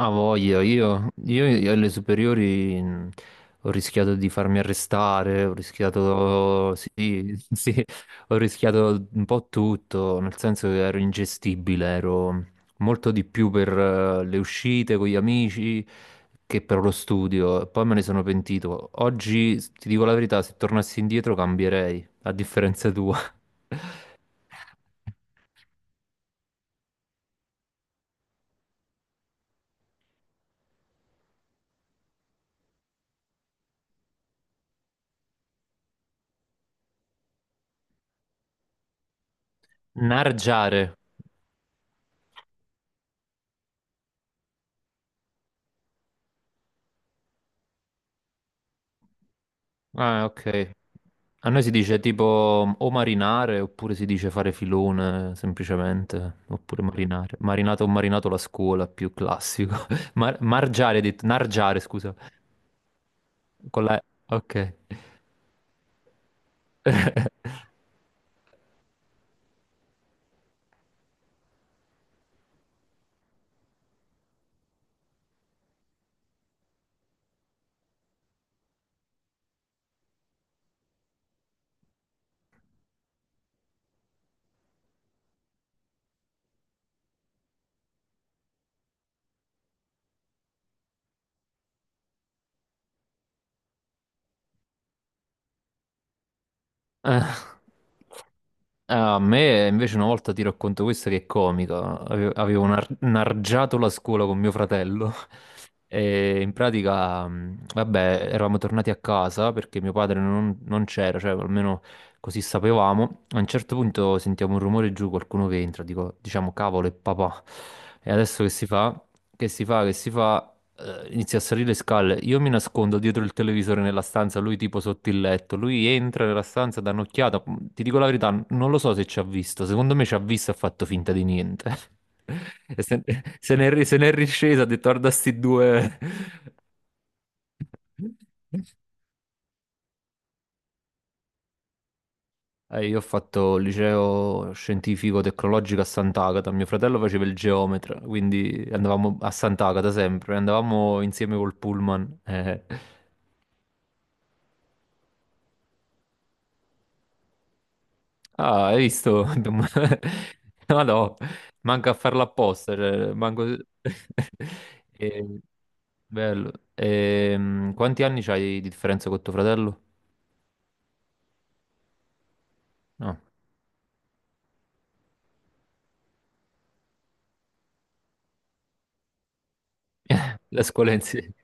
Ah, voglia, io alle superiori ho rischiato di farmi arrestare, ho rischiato, sì, sì, ho rischiato un po' tutto, nel senso che ero ingestibile, ero molto di più per le uscite con gli amici che per lo studio, e poi me ne sono pentito. Oggi, ti dico la verità, se tornassi indietro cambierei, a differenza tua. Nargiare. Ah, ok. A noi si dice tipo o marinare oppure si dice fare filone semplicemente, oppure marinare. Marinato o marinato la scuola, più classico. Margiare, hai detto, nargiare, scusa. Con la... Ok. Ah. Ah, a me invece una volta ti racconto questo che è comica. Avevo nargiato la scuola con mio fratello. E in pratica, vabbè, eravamo tornati a casa perché mio padre non c'era, cioè almeno così sapevamo. A un certo punto sentiamo un rumore giù, qualcuno che entra, dico, diciamo, cavolo, è papà. E adesso che si fa? Che si fa? Che si fa? Inizia a salire le scale. Io mi nascondo dietro il televisore nella stanza, lui tipo sotto il letto. Lui entra nella stanza, dà un'occhiata. Ti dico la verità, non lo so se ci ha visto. Secondo me ci ha visto e ha fatto finta di niente. E se n'è riscesa, ha detto, guarda sti due. Io ho fatto il liceo scientifico tecnologico a Sant'Agata, mio fratello faceva il geometra, quindi andavamo a Sant'Agata sempre, andavamo insieme col pullman. Ah, hai visto? No, no, manca a farlo apposta, cioè, manco... Eh, bello. Quanti anni c'hai di differenza con tuo fratello? No, la scuola insieme.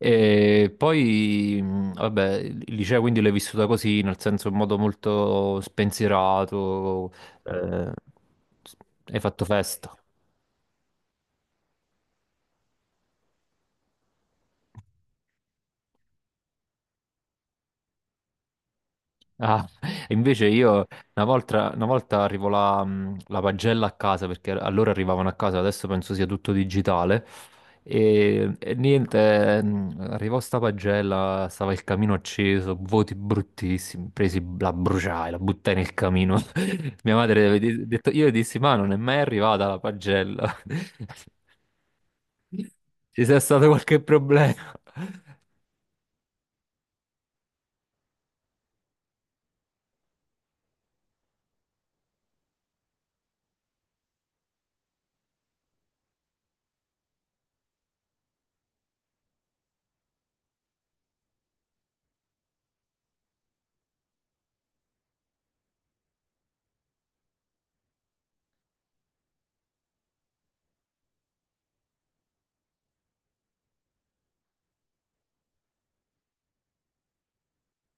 E poi, vabbè, il liceo quindi l'hai vissuta così, nel senso in modo molto spensierato, eh, hai fatto festa. Ah, invece io una volta arrivo la pagella a casa perché allora arrivavano a casa, adesso penso sia tutto digitale. E niente, arrivò sta pagella, stava il camino acceso, voti bruttissimi, presi, la bruciai, la buttai nel camino. Mia madre aveva detto, io dissi, ma non è mai arrivata la pagella. Ci sia stato qualche problema.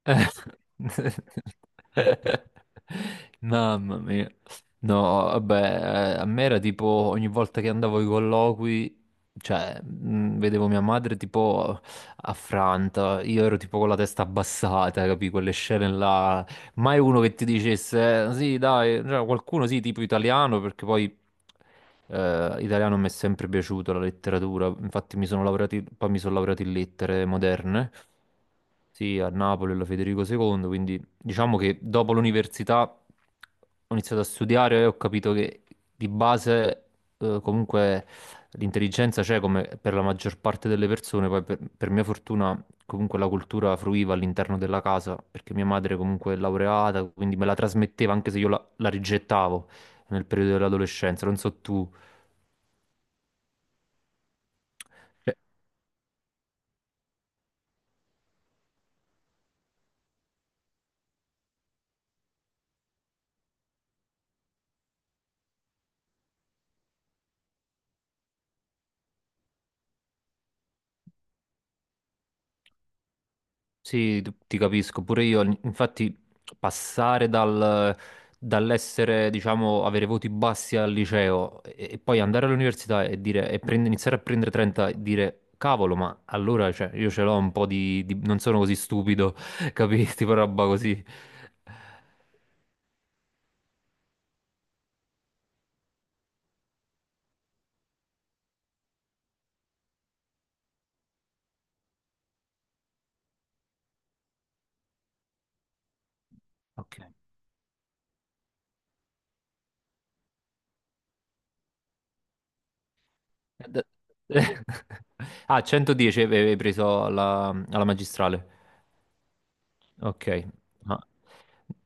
Eh. Mamma mia. No, vabbè, a me era tipo ogni volta che andavo ai colloqui, cioè, vedevo mia madre tipo affranta, io ero tipo con la testa abbassata, capì? Quelle scene là, mai uno che ti dicesse, sì, dai", cioè, qualcuno sì, tipo italiano, perché poi italiano mi è sempre piaciuto la letteratura. Infatti mi sono laureato, in- poi mi sono laureato in lettere moderne, sì, a Napoli, alla Federico II, quindi diciamo che dopo l'università ho iniziato a studiare e ho capito che di base comunque l'intelligenza c'è come per la maggior parte delle persone, poi per mia fortuna comunque la cultura fruiva all'interno della casa, perché mia madre comunque è laureata, quindi me la trasmetteva anche se io la rigettavo nel periodo dell'adolescenza, non so tu. Cioè, sì, ti capisco, pure io, infatti passare dall'essere, diciamo, avere voti bassi al liceo e poi andare all'università e dire, e iniziare a prendere 30 e dire, cavolo, ma allora, cioè, io ce l'ho un po' non sono così stupido, capisti, per roba così. Ok. Ah, 110 avevi preso alla magistrale. Ok, ma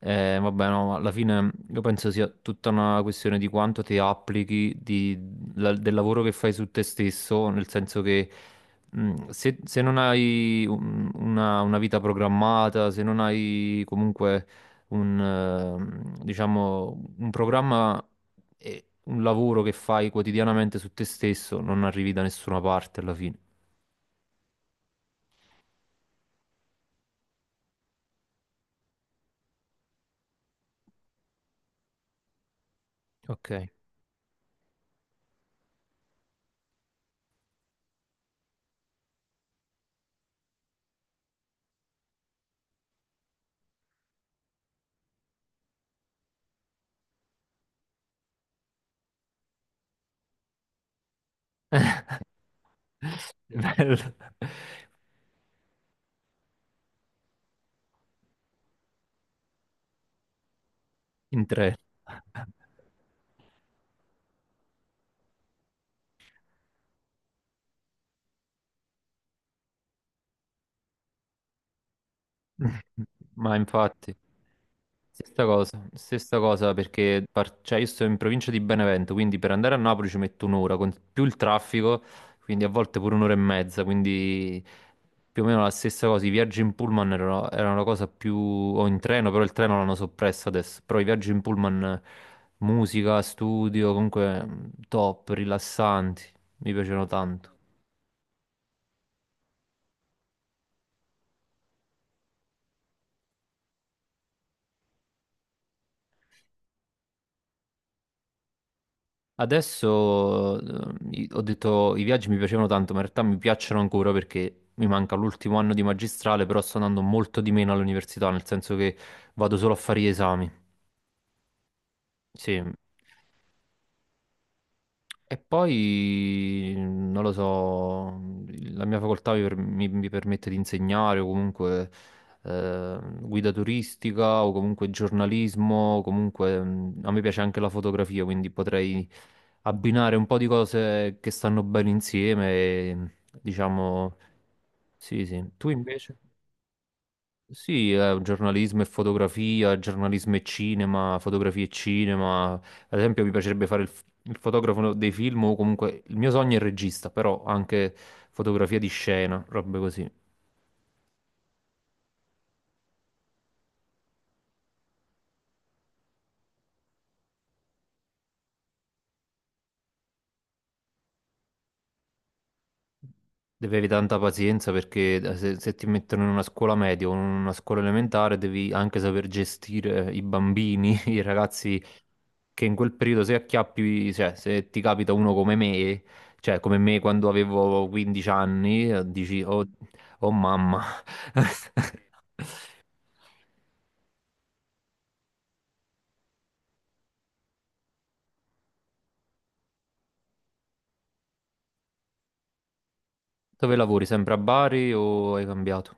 vabbè, no, ma alla fine io penso sia tutta una questione di quanto ti applichi del lavoro che fai su te stesso, nel senso che se, se non hai una una vita programmata, se non hai comunque un, diciamo, un programma e un lavoro che fai quotidianamente su te stesso, non arrivi da nessuna parte alla fine. Ok, bello. In tre. Ma infatti, stessa cosa perché cioè, io sto in provincia di Benevento, quindi per andare a Napoli ci metto un'ora, con più il traffico, quindi a volte pure un'ora e mezza, quindi più o meno la stessa cosa. I viaggi in pullman erano la cosa più... o in treno, però il treno l'hanno soppresso adesso, però i viaggi in pullman, musica, studio, comunque top, rilassanti, mi piacevano tanto. Adesso ho detto i viaggi mi piacevano tanto, ma in realtà mi piacciono ancora perché mi manca l'ultimo anno di magistrale, però sto andando molto di meno all'università, nel senso che vado solo a fare gli esami. Sì. E poi, non lo so, la mia facoltà mi permette di insegnare o comunque guida turistica o comunque giornalismo, o comunque a me piace anche la fotografia, quindi potrei abbinare un po' di cose che stanno bene insieme, e, diciamo, sì, sì. Tu invece? Sì, giornalismo e fotografia, giornalismo e cinema, fotografia e cinema. Ad esempio, mi piacerebbe fare il fotografo dei film o comunque il mio sogno è il regista, però anche fotografia di scena, robe così. Devi avere tanta pazienza perché se ti mettono in una scuola media o in una scuola elementare devi anche saper gestire i bambini, i ragazzi che in quel periodo se acchiappi, cioè se ti capita uno come me, cioè come me quando avevo 15 anni, dici oh, oh mamma, dove lavori? Sempre a Bari o hai cambiato?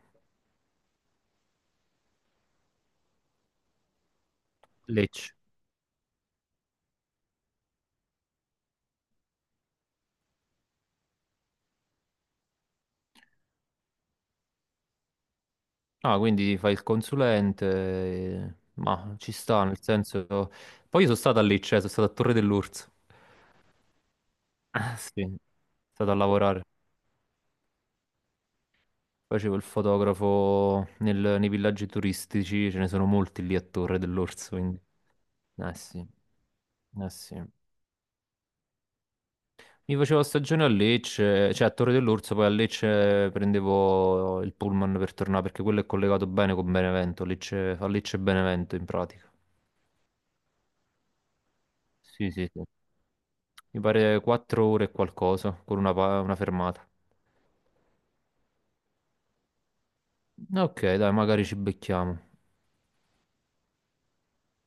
Lecce. Ah, quindi fai il consulente, ma ci sta, nel senso... Poi io sono stato a Lecce, sono stato a Torre dell'Orso. Ah, sì, sono stato a lavorare. Facevo il fotografo nei villaggi turistici, ce ne sono molti lì a Torre dell'Orso, quindi... Ah, sì, ah, sì. Mi facevo stagione a Lecce, cioè a Torre dell'Orso, poi a Lecce prendevo il pullman per tornare, perché quello è collegato bene con Benevento, Lecce, a Lecce e Benevento in pratica. Sì, sì, sì. Mi pare 4 ore e qualcosa, con una fermata. Ok, dai, magari ci becchiamo.